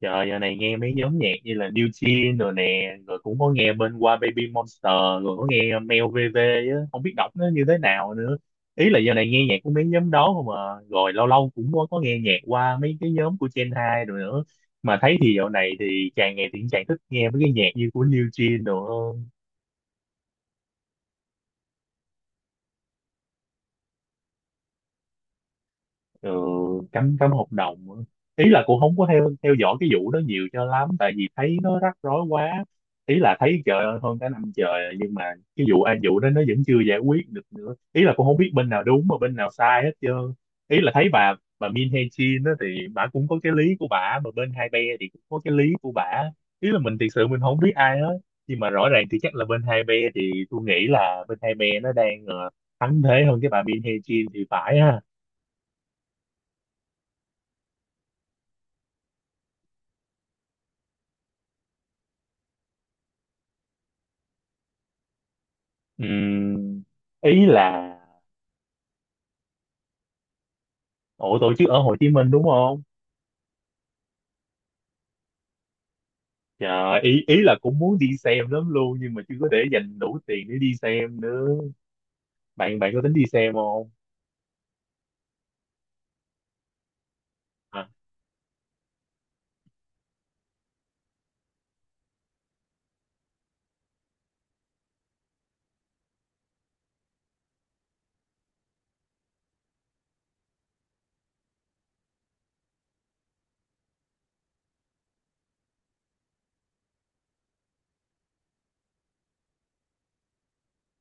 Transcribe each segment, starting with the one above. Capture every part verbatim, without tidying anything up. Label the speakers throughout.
Speaker 1: Trời giờ này nghe mấy nhóm nhạc như là New Jeans rồi nè, rồi cũng có nghe bên qua Baby Monster, rồi có nghe Mel vê vê á, không biết đọc nó như thế nào nữa. Ý là giờ này nghe nhạc của mấy nhóm đó không à, rồi lâu lâu cũng có, có nghe nhạc qua mấy cái nhóm của Gen hai rồi nữa. Mà thấy thì dạo này thì càng ngày thì càng thích nghe mấy cái nhạc như của New Jeans rồi ừ, cấm cấm hợp đồng á. Ý là cũng không có theo theo dõi cái vụ đó nhiều cho lắm tại vì thấy nó rắc rối quá, ý là thấy trời ơi hơn cả năm trời rồi, nhưng mà cái vụ ai vụ đó nó vẫn chưa giải quyết được nữa, ý là cũng không biết bên nào đúng mà bên nào sai hết trơn. Ý là thấy bà bà Min Hee Jin đó thì bà cũng có cái lý của bà, mà bên hai be thì cũng có cái lý của bà. Ý là mình thực sự mình không biết ai hết, nhưng mà rõ ràng thì chắc là bên hai be, thì tôi nghĩ là bên hai be nó đang ờ, thắng thế hơn cái bà Min Hee Jin thì phải ha. Ừm, ý là ủa tổ chức ở Hồ Chí Minh đúng không? Trời, ý ý là cũng muốn đi xem lắm luôn nhưng mà chưa có để dành đủ tiền để đi xem nữa. Bạn bạn có tính đi xem không? À,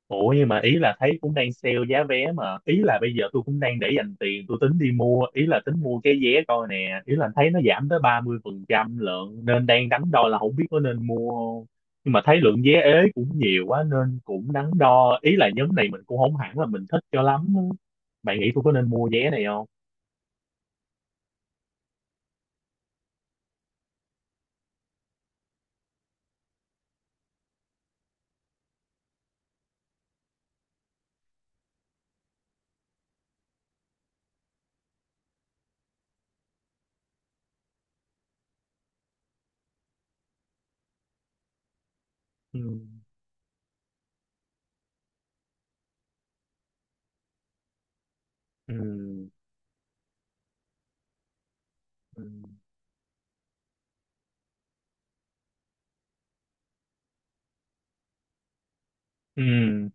Speaker 1: ủa nhưng mà ý là thấy cũng đang sale giá vé mà, ý là bây giờ tôi cũng đang để dành tiền, tôi tính đi mua, ý là tính mua cái vé coi nè, ý là thấy nó giảm tới ba mươi phần trăm lượng nên đang đắn đo là không biết có nên mua không, nhưng mà thấy lượng vé ế cũng nhiều quá nên cũng đắn đo, ý là nhóm này mình cũng không hẳn là mình thích cho lắm. Bạn nghĩ tôi có nên mua vé này không? Ừ. Ừ. Ừ. Ừ.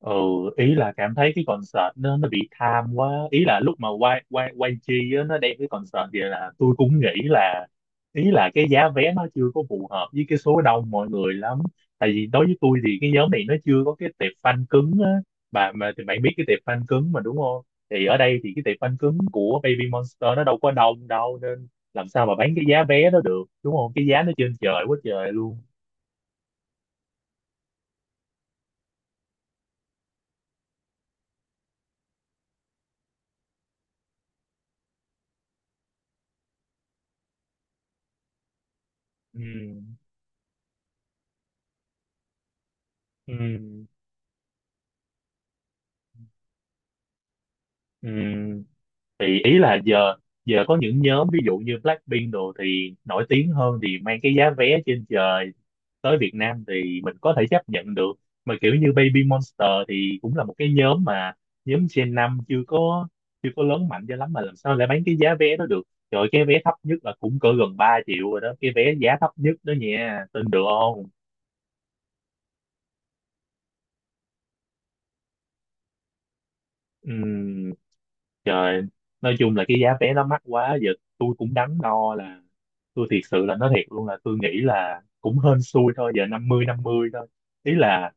Speaker 1: Ừ. Ý là cảm thấy cái concert nó nó bị tham quá, ý là lúc mà quay quay quay chi á, nó đem cái concert vậy là tôi cũng nghĩ là ý là cái giá vé nó chưa có phù hợp với cái số đông mọi người lắm, tại vì đối với tôi thì cái nhóm này nó chưa có cái tệp fan cứng á. Bà mà thì bạn biết cái tệp fan cứng mà đúng không? Thì ở đây thì cái tệp fan cứng của Baby Monster nó đâu có đông đâu, nên làm sao mà bán cái giá vé đó được đúng không, cái giá nó trên trời quá trời luôn. Ừ. Ừ. Ừ. Thì ý là giờ giờ có những nhóm ví dụ như Blackpink đồ thì nổi tiếng hơn thì mang cái giá vé trên trời tới Việt Nam thì mình có thể chấp nhận được. Mà kiểu như Baby Monster thì cũng là một cái nhóm mà nhóm Gen năm chưa có chưa có lớn mạnh cho lắm mà làm sao lại bán cái giá vé đó được. Trời ơi, cái vé thấp nhất là cũng cỡ gần ba triệu rồi đó, cái vé giá thấp nhất đó nha, tin được không? Ừm, trời, nói chung là cái giá vé nó mắc quá giờ, tôi cũng đắn đo là tôi thiệt sự là nói thiệt luôn là tôi nghĩ là cũng hên xui thôi, giờ năm mươi năm mươi thôi. Ý là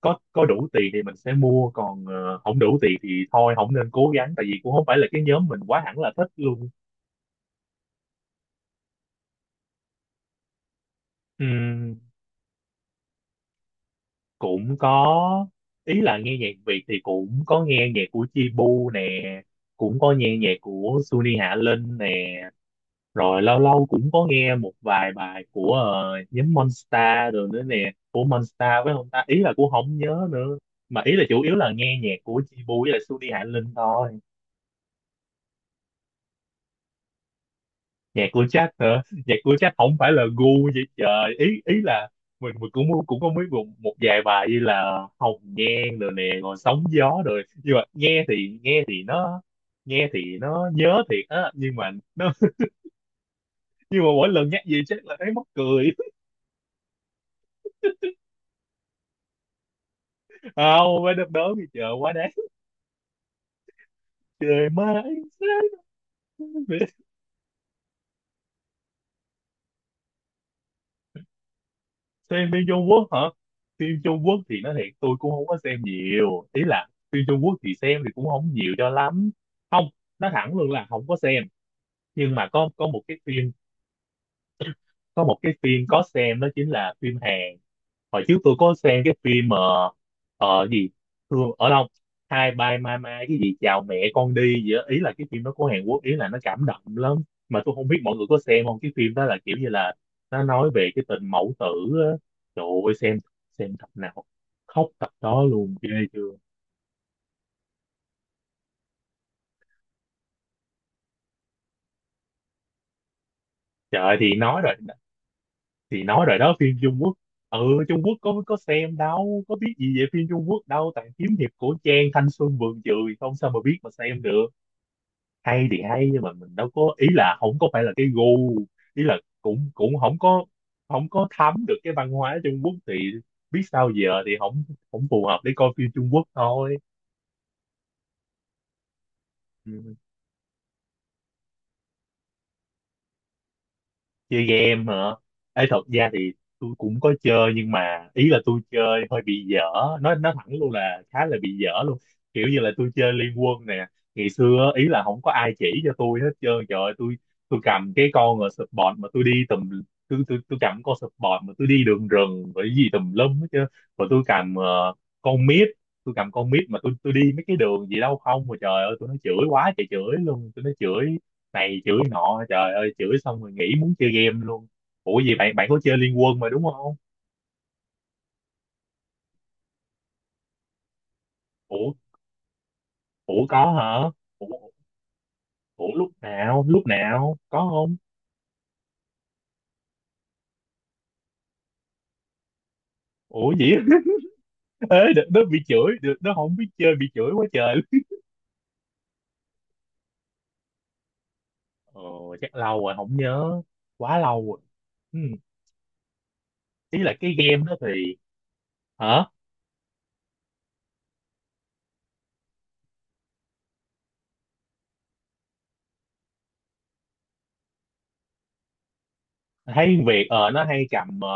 Speaker 1: có có đủ tiền thì mình sẽ mua, còn ờ, không đủ tiền thì thôi không nên cố gắng, tại vì cũng không phải là cái nhóm mình quá hẳn là thích luôn. Ừm, cũng có. Ý là nghe nhạc Việt thì cũng có nghe nhạc của Chibu nè, cũng có nghe nhạc của Suni Hạ Linh nè. Rồi lâu lâu cũng có nghe một vài bài của ờ, nhóm Monster rồi nữa nè, của Monster với ông ta, ý là cũng không nhớ nữa. Mà ý là chủ yếu là nghe nhạc của Chibu với lại Sudi Hạ Linh thôi. Nhạc của Jack hả? Nhạc của Jack không phải là gu vậy trời. Ý ý là mình, mình cũng cũng có mấy một, một vài bài như là Hồng Nhan rồi nè, rồi Sóng Gió rồi. Nhưng mà nghe thì nghe thì nó nghe thì nó nhớ thiệt á, nhưng mà nó nhưng mà mỗi lần nhắc gì chắc là thấy mắc cười. Không phải đớp đớn gì trời quá đáng. Trời má anh sát. Xem phim Trung Quốc hả? Phim Trung Quốc thì nói thiệt tôi cũng không có xem nhiều, ý là phim Trung Quốc thì xem thì cũng không nhiều cho lắm. Không, nói thẳng luôn là không có xem, nhưng mà có có một cái phim, có một cái phim có xem đó chính là phim Hàn. Hồi trước tôi có xem cái phim mà ờ gì, thương ở đâu, hai bye mai mai cái gì chào mẹ con đi gì đó. Ý là cái phim đó của Hàn Quốc, ý là nó cảm động lắm, mà tôi không biết mọi người có xem không. Cái phim đó là kiểu như là nó nói về cái tình mẫu tử á. Trời ơi, xem xem tập nào khóc tập đó luôn, ghê chưa. Trời ơi, thì nói rồi, thì nói rồi đó, phim Trung Quốc. Ừ. Trung Quốc có có xem đâu, có biết gì về phim Trung Quốc đâu, toàn kiếm hiệp cổ trang thanh xuân vườn trường không, sao mà biết mà xem được. Hay thì hay nhưng mà mình đâu có, ý là không có phải là cái gu, ý là cũng cũng không có, không có thấm được cái văn hóa Trung Quốc thì biết sao giờ, thì không không phù hợp để coi phim Trung Quốc thôi. Ừ. Chơi game hả? Ấy thật ra thì tôi cũng có chơi nhưng mà ý là tôi chơi hơi bị dở, nói nói thẳng luôn là khá là bị dở luôn, kiểu như là tôi chơi Liên Quân nè. Ngày xưa ý là không có ai chỉ cho tôi hết trơn, trời ơi tôi tôi cầm cái con ở support mà tôi đi tùm, tôi tôi tôi cầm con support mà tôi đi đường rừng rồi cái gì tùm lum hết trơn. Rồi tôi cầm ờ, con mid, tôi cầm con mid mà tôi tôi đi mấy cái đường gì đâu không, mà trời ơi tôi nói chửi quá trời chửi luôn, tôi nói chửi này chửi nọ, trời ơi chửi xong rồi nghỉ muốn chơi game luôn. Ủa gì, bạn bạn có chơi Liên Quân mà đúng không? Ủa. Ủa có hả? Ủa, ủa lúc nào lúc nào có không? Ủa gì. Ê đ- nó bị chửi được, nó không biết chơi bị chửi quá trời luôn. Ờ, chắc lâu rồi không nhớ, quá lâu rồi. Ừ. Ý là cái game đó thì hả? Thấy Việt ờ nó hay cầm ờ,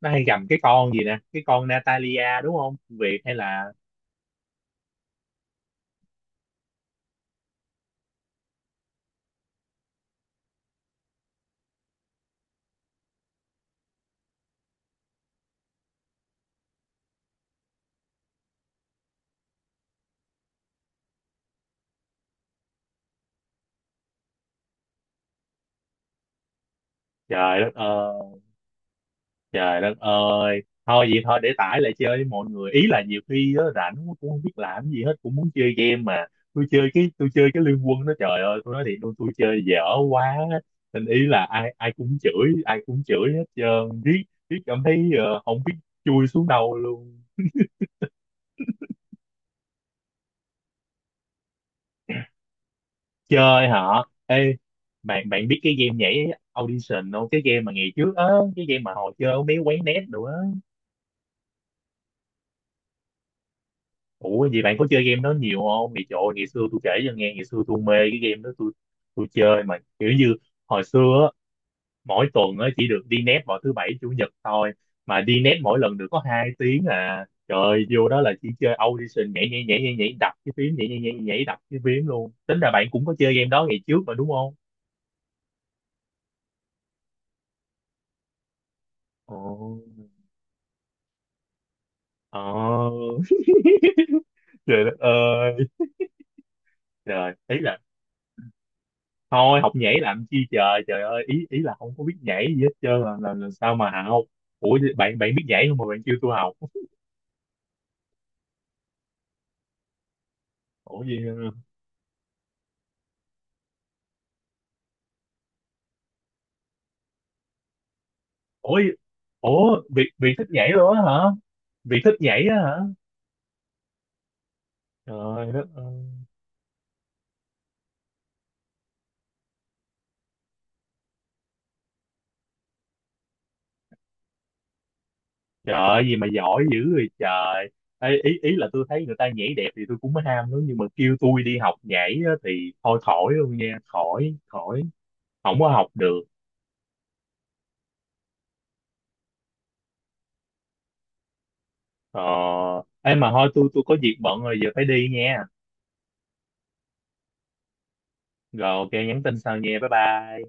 Speaker 1: nó hay cầm cái con gì nè, cái con Natalia đúng không, Việt hay là trời đất ơi. Trời đất ơi. Thôi vậy thôi để tải lại chơi với mọi người. Ý là nhiều khi á, rảnh quá cũng không biết làm gì hết, cũng muốn chơi game mà. Tôi chơi cái tôi chơi cái Liên Quân đó trời ơi, tôi nói thiệt luôn tôi chơi dở quá. Nên ý là ai ai cũng chửi, ai cũng chửi hết trơn. Riết riết cảm thấy ờ, không biết chui xuống đâu luôn. Chơi hả? Ê, bạn bạn biết cái game nhảy Audition không? Cái game mà ngày trước á, cái game mà hồi chơi ở mấy quán net nữa á. Ủa vậy bạn có chơi game đó nhiều không? Ngày trời ơi, ngày xưa tôi kể cho nghe, ngày xưa tôi mê cái game đó, tôi tôi chơi mà kiểu như hồi xưa á, mỗi tuần á chỉ được đi net vào thứ bảy chủ nhật thôi, mà đi net mỗi lần được có hai tiếng à. Trời ơi, vô đó là chỉ chơi audition nhảy nhảy nhảy nhảy nhảy đập cái phím nhảy nhảy nhảy nhảy đập cái phím luôn. Tính ra bạn cũng có chơi game đó ngày trước mà đúng không? Ồ. Ồ. Trời đất ơi. Trời, ý là thôi học nhảy làm chi trời, trời ơi ý ý là không có biết nhảy gì hết trơn, là, là, là sao mà học. Ủa bạn bạn biết nhảy không mà bạn kêu tôi học. Ủa gì. Ủa gì. Ủa việc việc thích nhảy luôn á hả? Việc thích nhảy á hả? Trời đất ơi. Trời ơi, gì mà giỏi dữ rồi trời. Ê, ý ý là tôi thấy người ta nhảy đẹp thì tôi cũng mới ham lắm, nhưng mà kêu tôi đi học nhảy á, thì thôi khỏi luôn nha, khỏi khỏi không có học được. Ờ em mà thôi, tôi tôi có việc bận rồi giờ phải đi nha. Rồi ok nhắn tin sau nha. Bye bye.